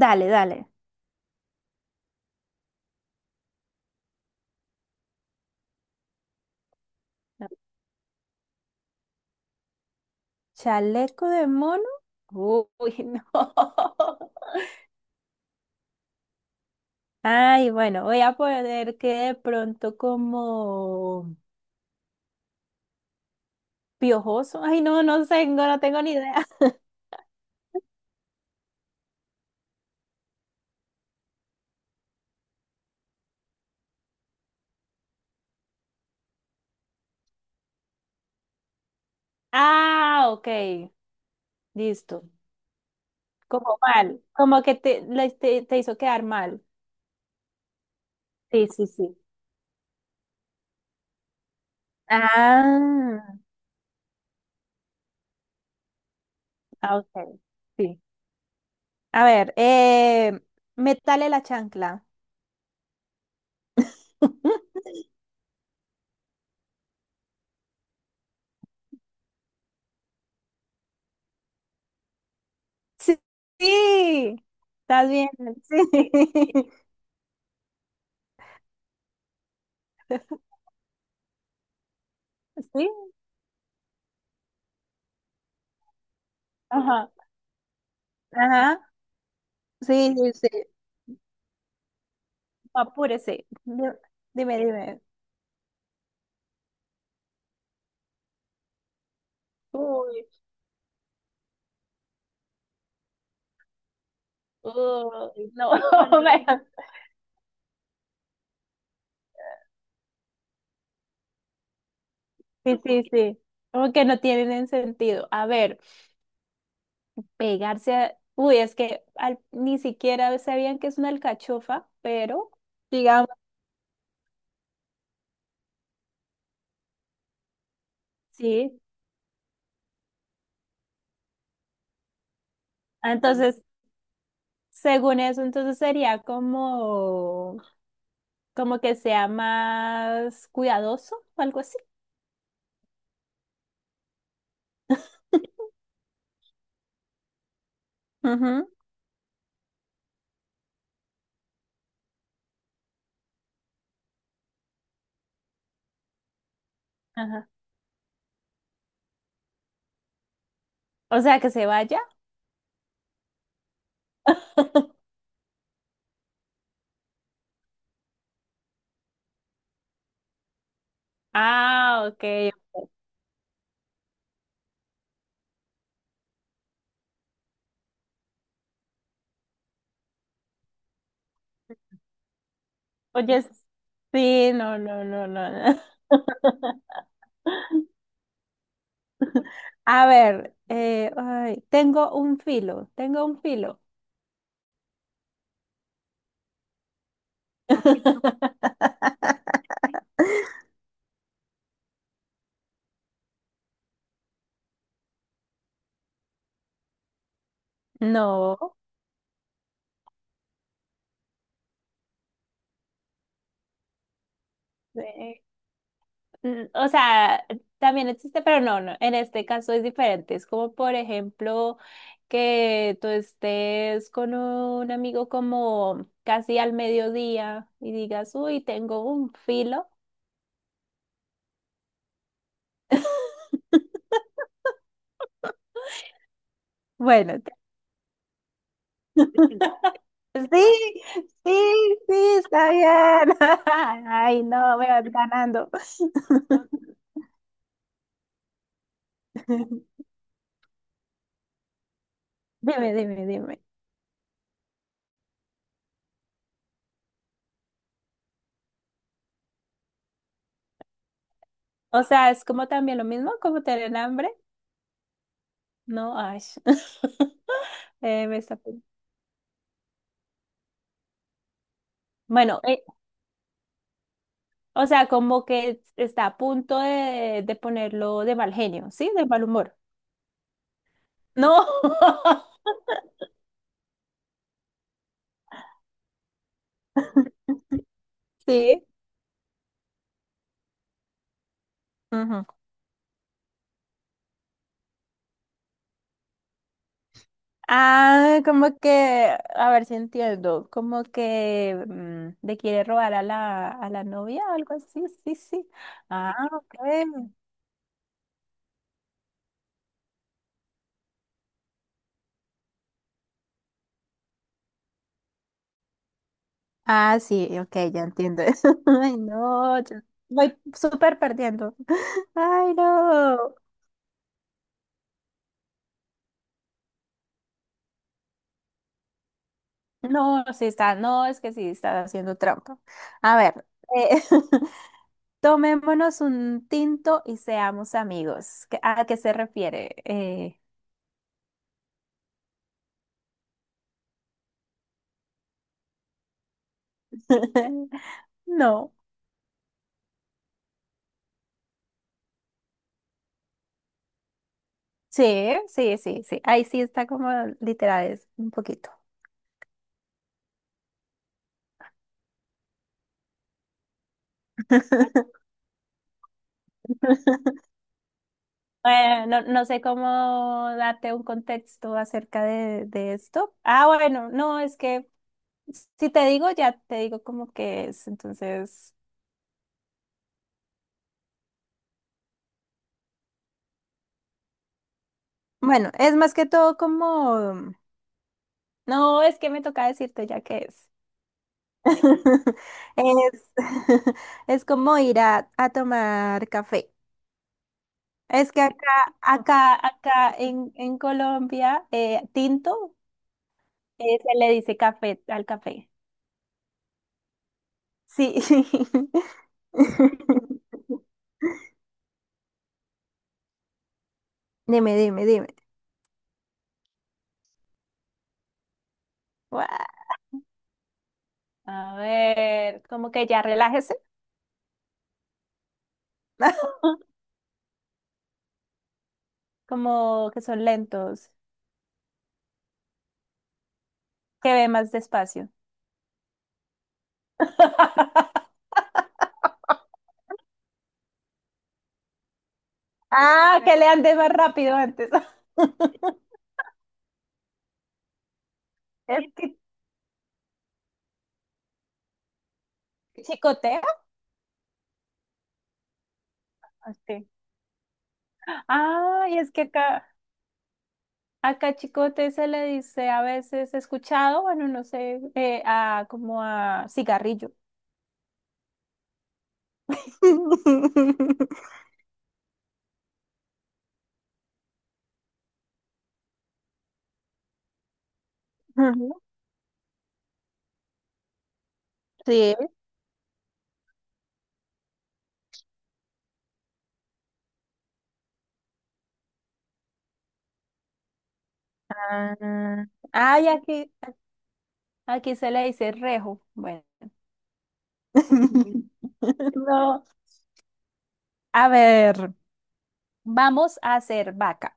Dale, dale. Chaleco de mono. Uy, no. Ay, bueno, voy a poner que de pronto como piojoso. Ay, no, no tengo ni idea. Ah, ok, listo. Como mal, como que te hizo quedar mal. Sí. Ah, ah, ok, sí. A ver, métale la chancla. Sí, sí, estás bien, sí, sí, ajá, ajá, sí, sí, sí, apúrese. Dime, dime, uy, uy, no, bueno, sí, sí, sí, como que no tienen sentido. A ver, es que ni siquiera sabían que es una alcachofa, pero digamos, sí. Entonces, según eso, entonces sería como... como que sea más cuidadoso o algo así. Ujú. Ajá. O sea, que se vaya. Ah, ok, ok. Oye, sí, no, no, no, no, no. A ver, ay, tengo un filo. No. Sí. O sea, también existe, pero no, no, en este caso es diferente. Es como, por ejemplo, que tú estés con un amigo como casi al mediodía y digas, uy, tengo un filo. Bueno, te- sí, sí, sí, está bien. Ay, no, me vas ganando. Dime, dime, dime. O sea, es como también lo mismo, como tener hambre. No, ay. eh, me está... Bueno, o sea, como que está a punto de ponerlo de mal genio, ¿sí? De mal humor. No. Sí. Ujú. Ah, como que, a ver si entiendo, como que le quiere robar a la novia o algo así, sí, sí. Ah, ok. Ah, sí, ok, ya entiendo eso. Ay, no, yo voy súper perdiendo. Ay, no. No, sí está, no, es que sí está haciendo trampa. A ver, eh, tomémonos un tinto y seamos amigos. ¿Qué- ¿A qué se refiere? No. Sí, sí, sí, sí. Ahí sí está como literal, es un poquito. No, no sé cómo darte un contexto acerca de esto. Ah, bueno, no, es que si te digo, ya te digo como que es. Entonces, bueno, es más que todo como, no, es que me toca decirte ya que es, es como ir a tomar café. Es que acá en Colombia, tinto, se le dice café al café. Sí. Dime, dime, dime. Guau. A ver, como que ya relájese, como que son lentos, que ve más despacio. Ah, que le ande más rápido antes. Es que chicotea. Ok. Ah, y es que acá, acá chicote se le dice a veces escuchado, bueno, no sé, a como a cigarrillo. Ujú. Sí. Ah, ah, y aquí, aquí se le dice rejo. Bueno, no. A ver, vamos a hacer vaca.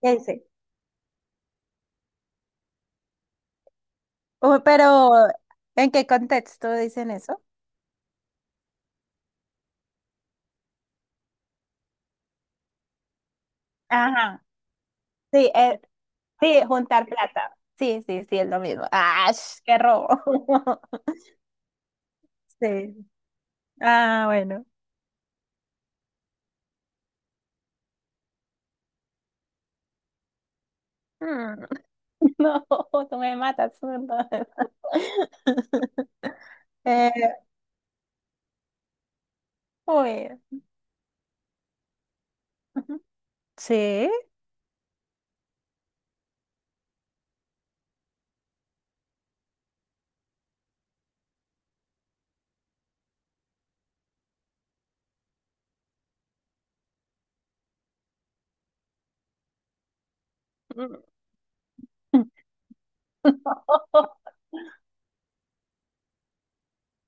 ¿Qué dice? Oh, pero ¿en qué contexto dicen eso? Ajá. Sí, sí, juntar plata. Sí, sí, sí, es lo mismo. ¡Ah, qué robo! Sí. Ah, bueno. Mm, no, tú me matas, no. Eh, uy. Sí. Mm.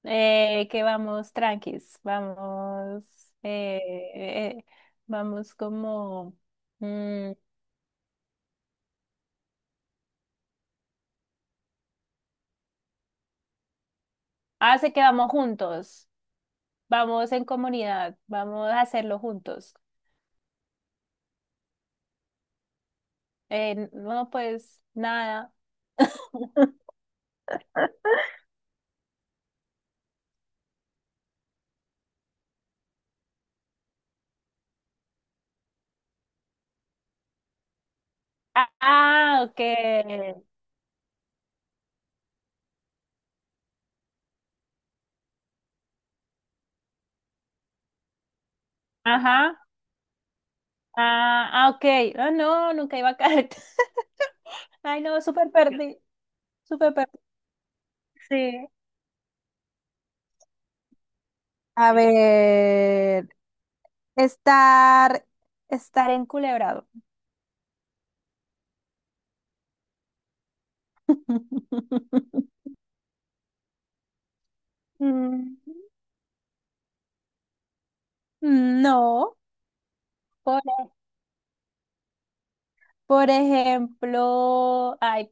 Que vamos tranquis, vamos, eh, eh, vamos como, mm, hace que vamos juntos, vamos en comunidad, vamos a hacerlo juntos. No, pues nada. Ah, ah, ok. Ajá. Ah, ah, ok. Ah, no, nunca iba a caer. Ay, no, súper perdí. Súper perdí. Sí. A ver, estar, estar enculebrado. Mm, no. Por, por ejemplo, ay,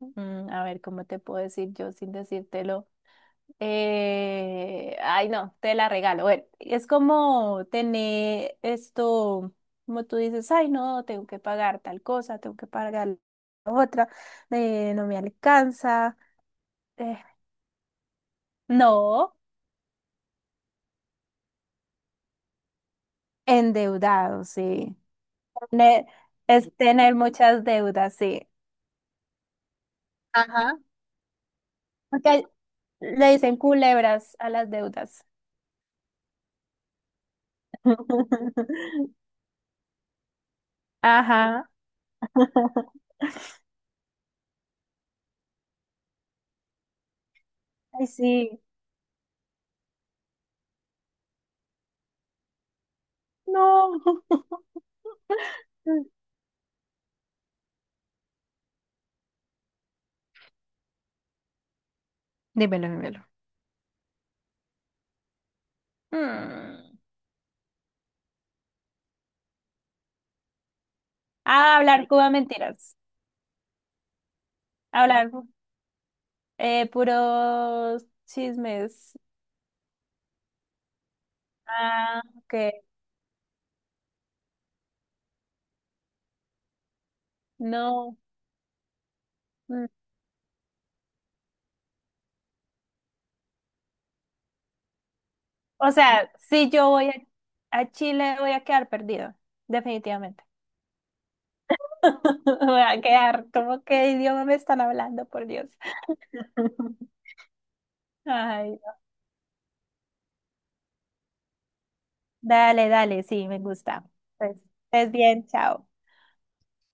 a ver, ¿cómo te puedo decir yo sin decírtelo? Ay, no, te la regalo. Bueno, es como tener esto, como tú dices, ay, no, tengo que pagar tal cosa, tengo que pagar la otra, no me alcanza. eh, no, endeudado, sí. Ne- es tener muchas deudas, sí. Ajá. Porque le dicen culebras a las deudas. Ajá. Ay, sí. No. Dímelo, dímelo. Mm. A hablar cuba mentiras. A hablar puros chismes. Ah, ok. No. Mm. O sea, si yo voy a Chile, voy a quedar perdido. Definitivamente. Voy a quedar como qué idioma me están hablando, por Dios. Ay, no. Dale, dale, sí, me gusta. Pues estés bien, chao.